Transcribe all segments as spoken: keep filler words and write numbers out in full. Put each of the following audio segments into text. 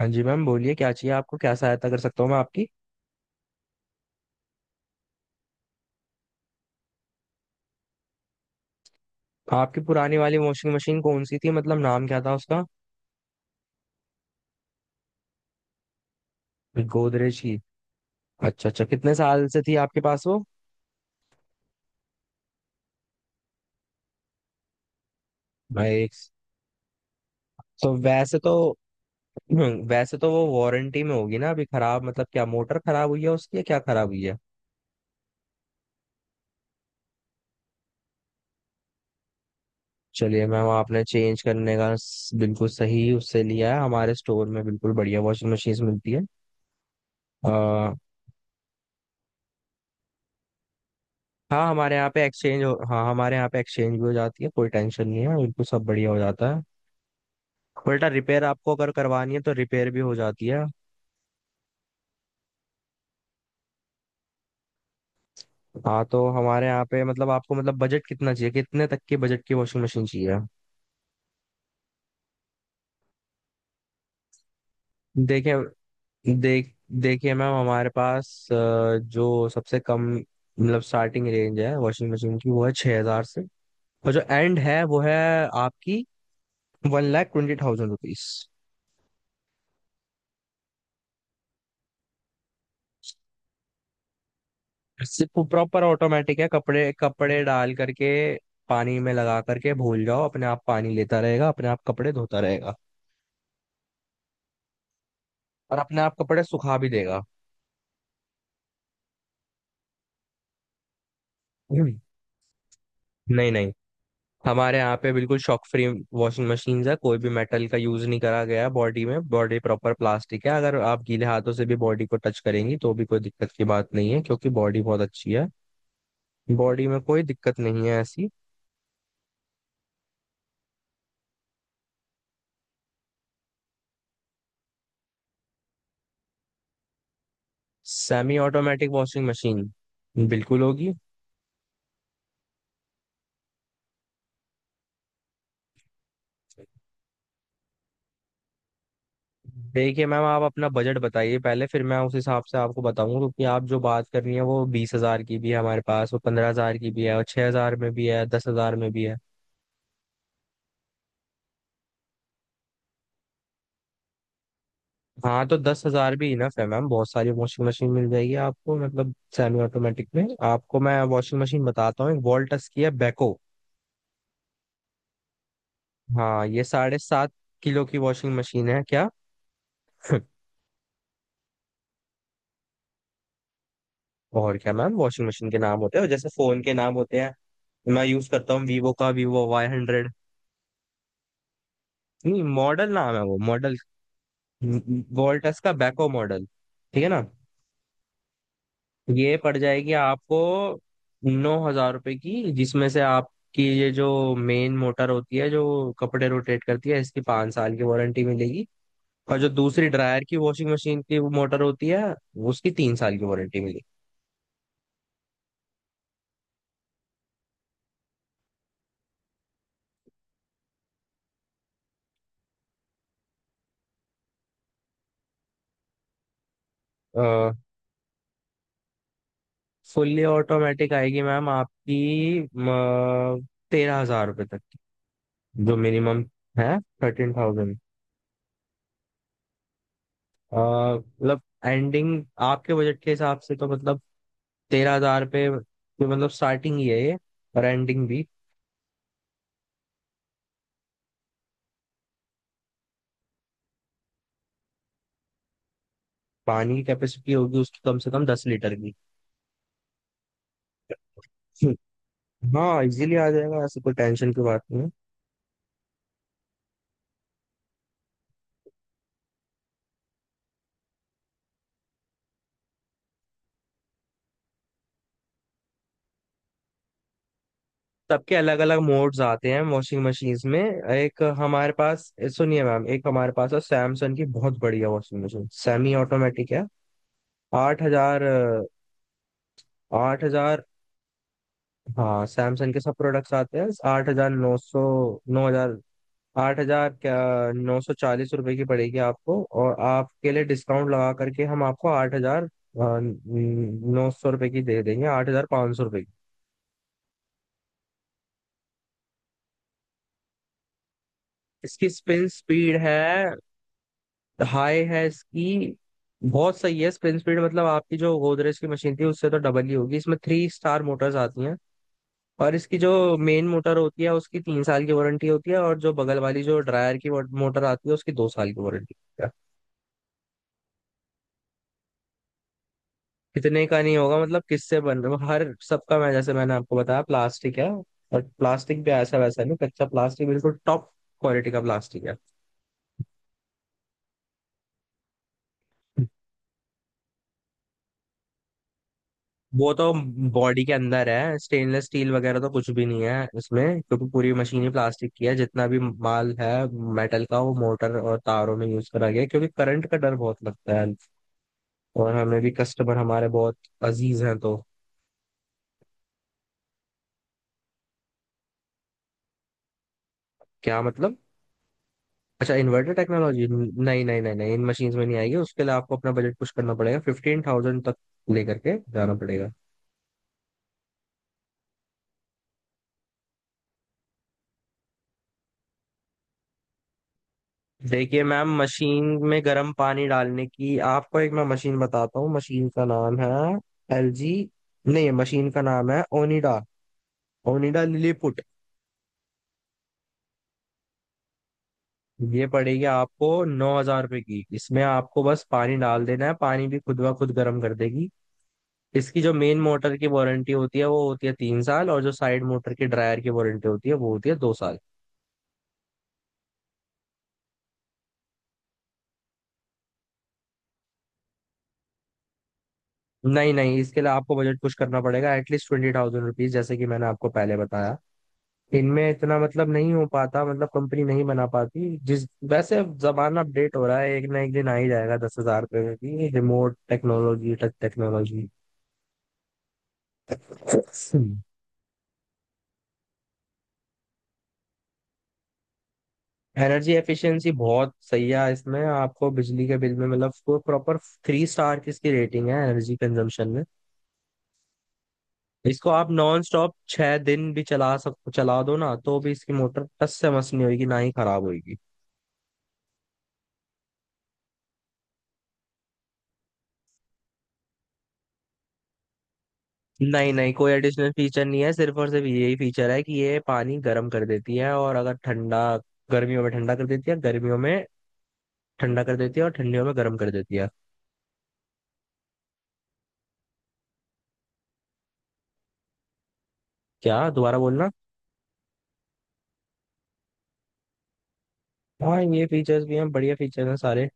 हाँ जी मैम बोलिए क्या चाहिए आपको। क्या सहायता कर सकता हूँ मैं आपकी आपकी पुरानी वाली वॉशिंग मशीन कौन सी थी मतलब नाम क्या था उसका। गोदरेज की। अच्छा अच्छा, कितने साल से थी आपके पास वो। भाई, तो वैसे तो वैसे तो वो वारंटी में होगी ना अभी। खराब मतलब क्या मोटर खराब हुई है उसकी या क्या खराब हुई है। चलिए मैम आपने चेंज करने का स- बिल्कुल सही उससे लिया है। हमारे स्टोर में बिल्कुल बढ़िया वॉशिंग मशीन मिलती है। आ, हाँ, हमारे यहाँ पे एक्सचेंज हो हाँ हमारे यहाँ पे एक्सचेंज भी हो जाती है, कोई टेंशन नहीं है, बिल्कुल सब बढ़िया हो जाता है। बेटा रिपेयर आपको अगर करवानी है तो रिपेयर भी हो जाती है। हाँ तो हमारे यहाँ पे मतलब आपको मतलब बजट कितना चाहिए, कितने तक के बजट की वॉशिंग मशीन चाहिए। देखिए देख देखिए मैम, हमारे पास अ, जो सबसे कम मतलब स्टार्टिंग रेंज है वॉशिंग मशीन की वो है 6000 से, और जो एंड है वो है आपकी one lakh twenty thousand rupees. सिर्फ प्रॉपर ऑटोमेटिक है, कपड़े कपड़े डाल करके पानी में लगा करके भूल जाओ, अपने आप पानी लेता रहेगा, अपने आप कपड़े धोता रहेगा और अपने आप कपड़े सुखा भी देगा। हम्म। नहीं नहीं, हमारे यहाँ पे बिल्कुल शॉक फ्री वॉशिंग मशीन है। कोई भी मेटल का यूज नहीं करा गया है बॉडी में, बॉडी प्रॉपर प्लास्टिक है। अगर आप गीले हाथों से भी बॉडी को टच करेंगी तो भी कोई दिक्कत की बात नहीं है क्योंकि बॉडी बहुत अच्छी है, बॉडी में कोई दिक्कत नहीं है ऐसी। सेमी ऑटोमेटिक वॉशिंग मशीन बिल्कुल होगी। देखिए मैम आप अपना बजट बताइए पहले, फिर मैं उस हिसाब से आपको बताऊंगा क्योंकि आप जो बात कर रही हैं वो बीस हजार की भी है हमारे पास, वो पंद्रह हजार की भी है, और छह हजार में भी है, दस हजार में भी है। हाँ तो दस हजार भी इनफ है मैम, बहुत सारी वॉशिंग मशीन मिल जाएगी आपको। मतलब सेमी ऑटोमेटिक में आपको मैं वॉशिंग मशीन बताता हूँ, एक वॉल्टस की है बेको। हाँ ये साढ़े सात किलो की वॉशिंग मशीन है क्या। और क्या मैम, वॉशिंग मशीन के नाम होते हैं, और जैसे फोन के नाम होते हैं। मैं यूज करता हूँ वीवो का, वीवो वाई हंड्रेड। नहीं मॉडल नाम है वो, मॉडल वोल्टस का बैको मॉडल, ठीक है ना। ये पड़ जाएगी आपको नौ हजार रुपए की, जिसमें से आपकी ये जो मेन मोटर होती है जो कपड़े रोटेट करती है इसकी पाँच साल की वारंटी मिलेगी, और जो दूसरी ड्रायर की वॉशिंग मशीन की मोटर होती है उसकी तीन साल की वारंटी मिलेगी। फुल्ली ऑटोमेटिक आएगी मैम आपकी तेरह हजार रुपये तक की जो मिनिमम है, थर्टीन थाउजेंड। मतलब एंडिंग आपके बजट के हिसाब से तो मतलब तेरह हजार पे ये मतलब स्टार्टिंग ही है ये और एंडिंग भी। पानी की कैपेसिटी होगी उसकी कम से कम दस लीटर की। हाँ इजीली आ जाएगा, ऐसे कोई टेंशन की बात नहीं है। सबके अलग अलग मोड्स आते हैं वॉशिंग मशीन्स में। एक हमारे पास सुनिए मैम, एक हमारे पास है सैमसंग की बहुत बढ़िया वॉशिंग मशीन, सेमी ऑटोमेटिक है। आठ हजार। आठ हजार हाँ, सैमसंग के सब प्रोडक्ट्स आते हैं। आठ हजार नौ सौ, नौ हजार, आठ हजार क्या नौ सौ चालीस रुपए की पड़ेगी आपको, और आपके लिए डिस्काउंट लगा करके हम आपको आठ हजार नौ सौ रुपए की दे देंगे, आठ हजार पाँच सौ रुपए की। इसकी स्पिन स्पीड है हाई है इसकी, बहुत सही है स्पिन स्पीड मतलब आपकी जो गोदरेज की मशीन थी उससे तो डबल ही होगी। इसमें थ्री स्टार मोटर्स आती हैं, और इसकी जो मेन मोटर होती है उसकी तीन साल की वारंटी होती है और जो बगल वाली जो ड्रायर की मोटर आती है उसकी दो साल की वारंटी। कितने का नहीं होगा मतलब किससे बन रहा है हर सबका, मैं जैसे मैंने आपको बताया प्लास्टिक है और प्लास्टिक भी ऐसा वैसा नहीं, कच्चा प्लास्टिक, बिल्कुल टॉप क्वालिटी का प्लास्टिक है। वो तो बॉडी के अंदर है, स्टेनलेस स्टील वगैरह तो कुछ भी नहीं है उसमें, क्योंकि पूरी मशीन ही प्लास्टिक की है, जितना भी माल है मेटल का वो मोटर और तारों में यूज करा गया है, क्योंकि करंट का डर बहुत लगता है, और हमें भी कस्टमर हमारे बहुत अजीज हैं तो। क्या मतलब। अच्छा, इन्वर्टर टेक्नोलॉजी नहीं नहीं नहीं नहीं, इन मशीन्स में नहीं आएगी, उसके लिए आपको अपना बजट पुश करना पड़ेगा फिफ्टीन थाउजेंड तक लेकर के जाना पड़ेगा। देखिए मैम मशीन में गर्म पानी डालने की आपको एक मैं मशीन बताता हूँ, मशीन का नाम है एल जी, नहीं मशीन का नाम है ओनिडा, ओनिडा लिलीपुट। ये पड़ेगी आपको नौ हजार रुपये की, इसमें आपको बस पानी डाल देना है, पानी भी खुद ब खुद गर्म कर देगी। इसकी जो मेन मोटर की वारंटी होती है वो होती है तीन साल, और जो साइड मोटर की ड्रायर की वारंटी होती है वो होती है दो साल। नहीं नहीं इसके लिए आपको बजट पुश करना पड़ेगा एटलीस्ट ट्वेंटी थाउजेंड रुपीज, जैसे कि मैंने आपको पहले बताया। इनमें इतना मतलब नहीं हो पाता, मतलब कंपनी नहीं बना पाती जिस वैसे, अब जमाना अपडेट हो रहा है एक ना एक दिन आ ही जाएगा दस हजार रुपये में भी remote technology touch technology. Energy efficiency बहुत सही है इसमें, आपको बिजली के बिल में मतलब प्रॉपर थ्री स्टार की इसकी रेटिंग है एनर्जी कंजम्पशन में। इसको आप नॉन स्टॉप छह दिन भी चला सक चला दो ना तो भी इसकी मोटर टस से मस नहीं होगी, ना ही खराब होगी। नहीं नहीं कोई एडिशनल फीचर नहीं है, सिर्फ और सिर्फ यही फीचर है कि ये पानी गर्म कर देती है, और अगर ठंडा, गर्मियों में ठंडा कर देती है, गर्मियों में ठंडा कर देती है और ठंडियों में गर्म कर देती है। क्या दोबारा बोलना। हाँ ये फीचर्स भी हैं, बढ़िया फीचर्स हैं सारे।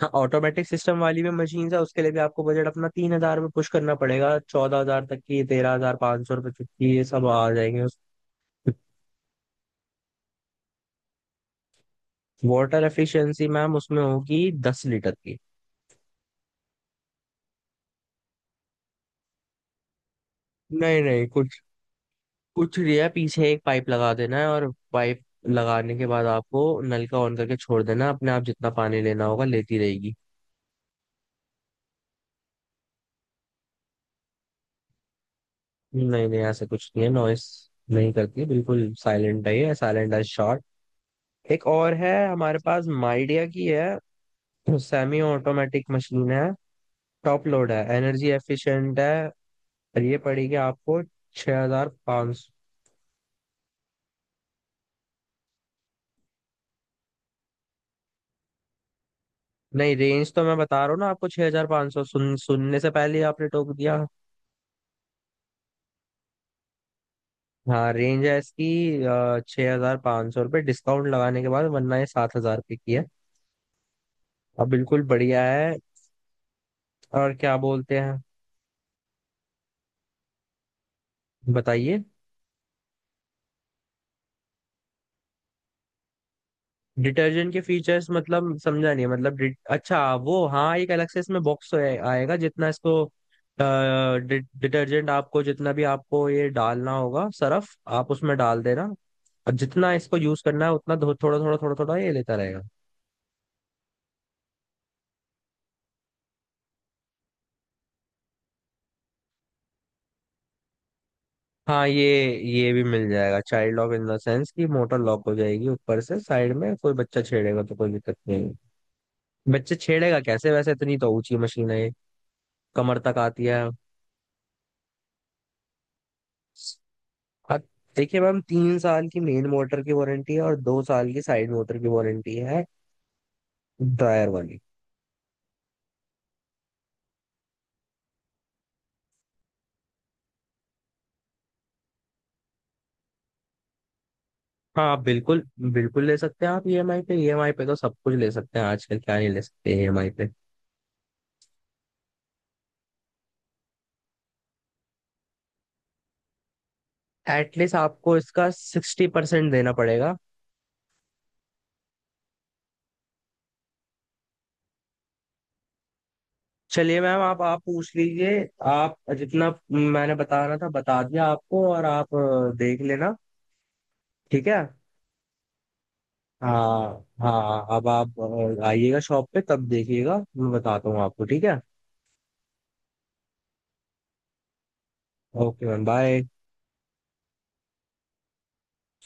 हाँ ऑटोमेटिक सिस्टम वाली भी मशीन है, उसके लिए भी आपको बजट अपना तीन हजार में पुश करना पड़ेगा, चौदह हजार तक की, तेरह हजार पाँच सौ रुपए तक की ये सब आ जाएंगे। वाटर एफिशिएंसी मैम उसमें होगी दस लीटर की। नहीं नहीं कुछ कुछ नहीं है, पीछे एक पाइप लगा देना है और पाइप लगाने के बाद आपको नल का ऑन करके छोड़ देना, अपने आप जितना पानी लेना होगा लेती रहेगी। नहीं नहीं ऐसा कुछ नहीं है, नॉइस नहीं करती, बिल्कुल साइलेंट है ये, साइलेंट एज शॉट। एक और है हमारे पास, माइडिया की है, सेमी ऑटोमेटिक मशीन है, टॉप लोड है, एनर्जी एफिशिएंट है, और ये पड़ेगी आपको छह हज़ार पाँच सौ, हजार पाँच सौ। नहीं, रेंज तो मैं बता रहा हूँ ना आपको छह हज़ार पाँच सौ हजार पाँच सौ, सुन सुनने से पहले ही आपने टोक दिया। हाँ, रेंज है इसकी छः हजार पाँच सौ रुपये डिस्काउंट लगाने के बाद, वरना ये सात हजार रुपये की है, अब बिल्कुल बढ़िया है। और क्या बोलते हैं, बताइए। डिटर्जेंट के फीचर्स मतलब समझा नहीं मतलब, डि- अच्छा वो हाँ, एक अलग से इसमें बॉक्स आएगा जितना इसको अ, डि- डिटर्जेंट आपको जितना भी आपको ये डालना होगा, सरफ आप उसमें डाल देना, और जितना इसको यूज करना है उतना थो- थोड़ा थोड़ा थोड़ा थोड़ा ये लेता रहेगा। हाँ ये ये भी मिल जाएगा child lock, in the sense कि मोटर लॉक हो जाएगी ऊपर से, साइड में कोई बच्चा छेड़ेगा तो कोई दिक्कत नहीं। बच्चे छेड़ेगा कैसे, वैसे इतनी तो ऊंची मशीन है ये, कमर तक आती है। हाँ, देखिए मैम तीन साल की मेन मोटर की वारंटी है और दो साल की साइड मोटर की वारंटी है, ड्रायर वाली। हाँ आप बिल्कुल, बिल्कुल ले सकते हैं आप ईएमआई पे, ईएमआई पे तो सब कुछ ले सकते हैं आजकल, क्या नहीं ले सकते ईएमआई पे। एटलीस्ट आपको इसका सिक्सटी परसेंट देना पड़ेगा। चलिए मैम, आप आप पूछ लीजिए, आप जितना मैंने बता रहा था बता दिया आपको और आप अ, देख लेना ठीक है। हाँ हाँ अब आप अ, आइएगा शॉप पे तब देखिएगा, मैं बताता हूँ आपको ठीक है। Okay ma'am bye.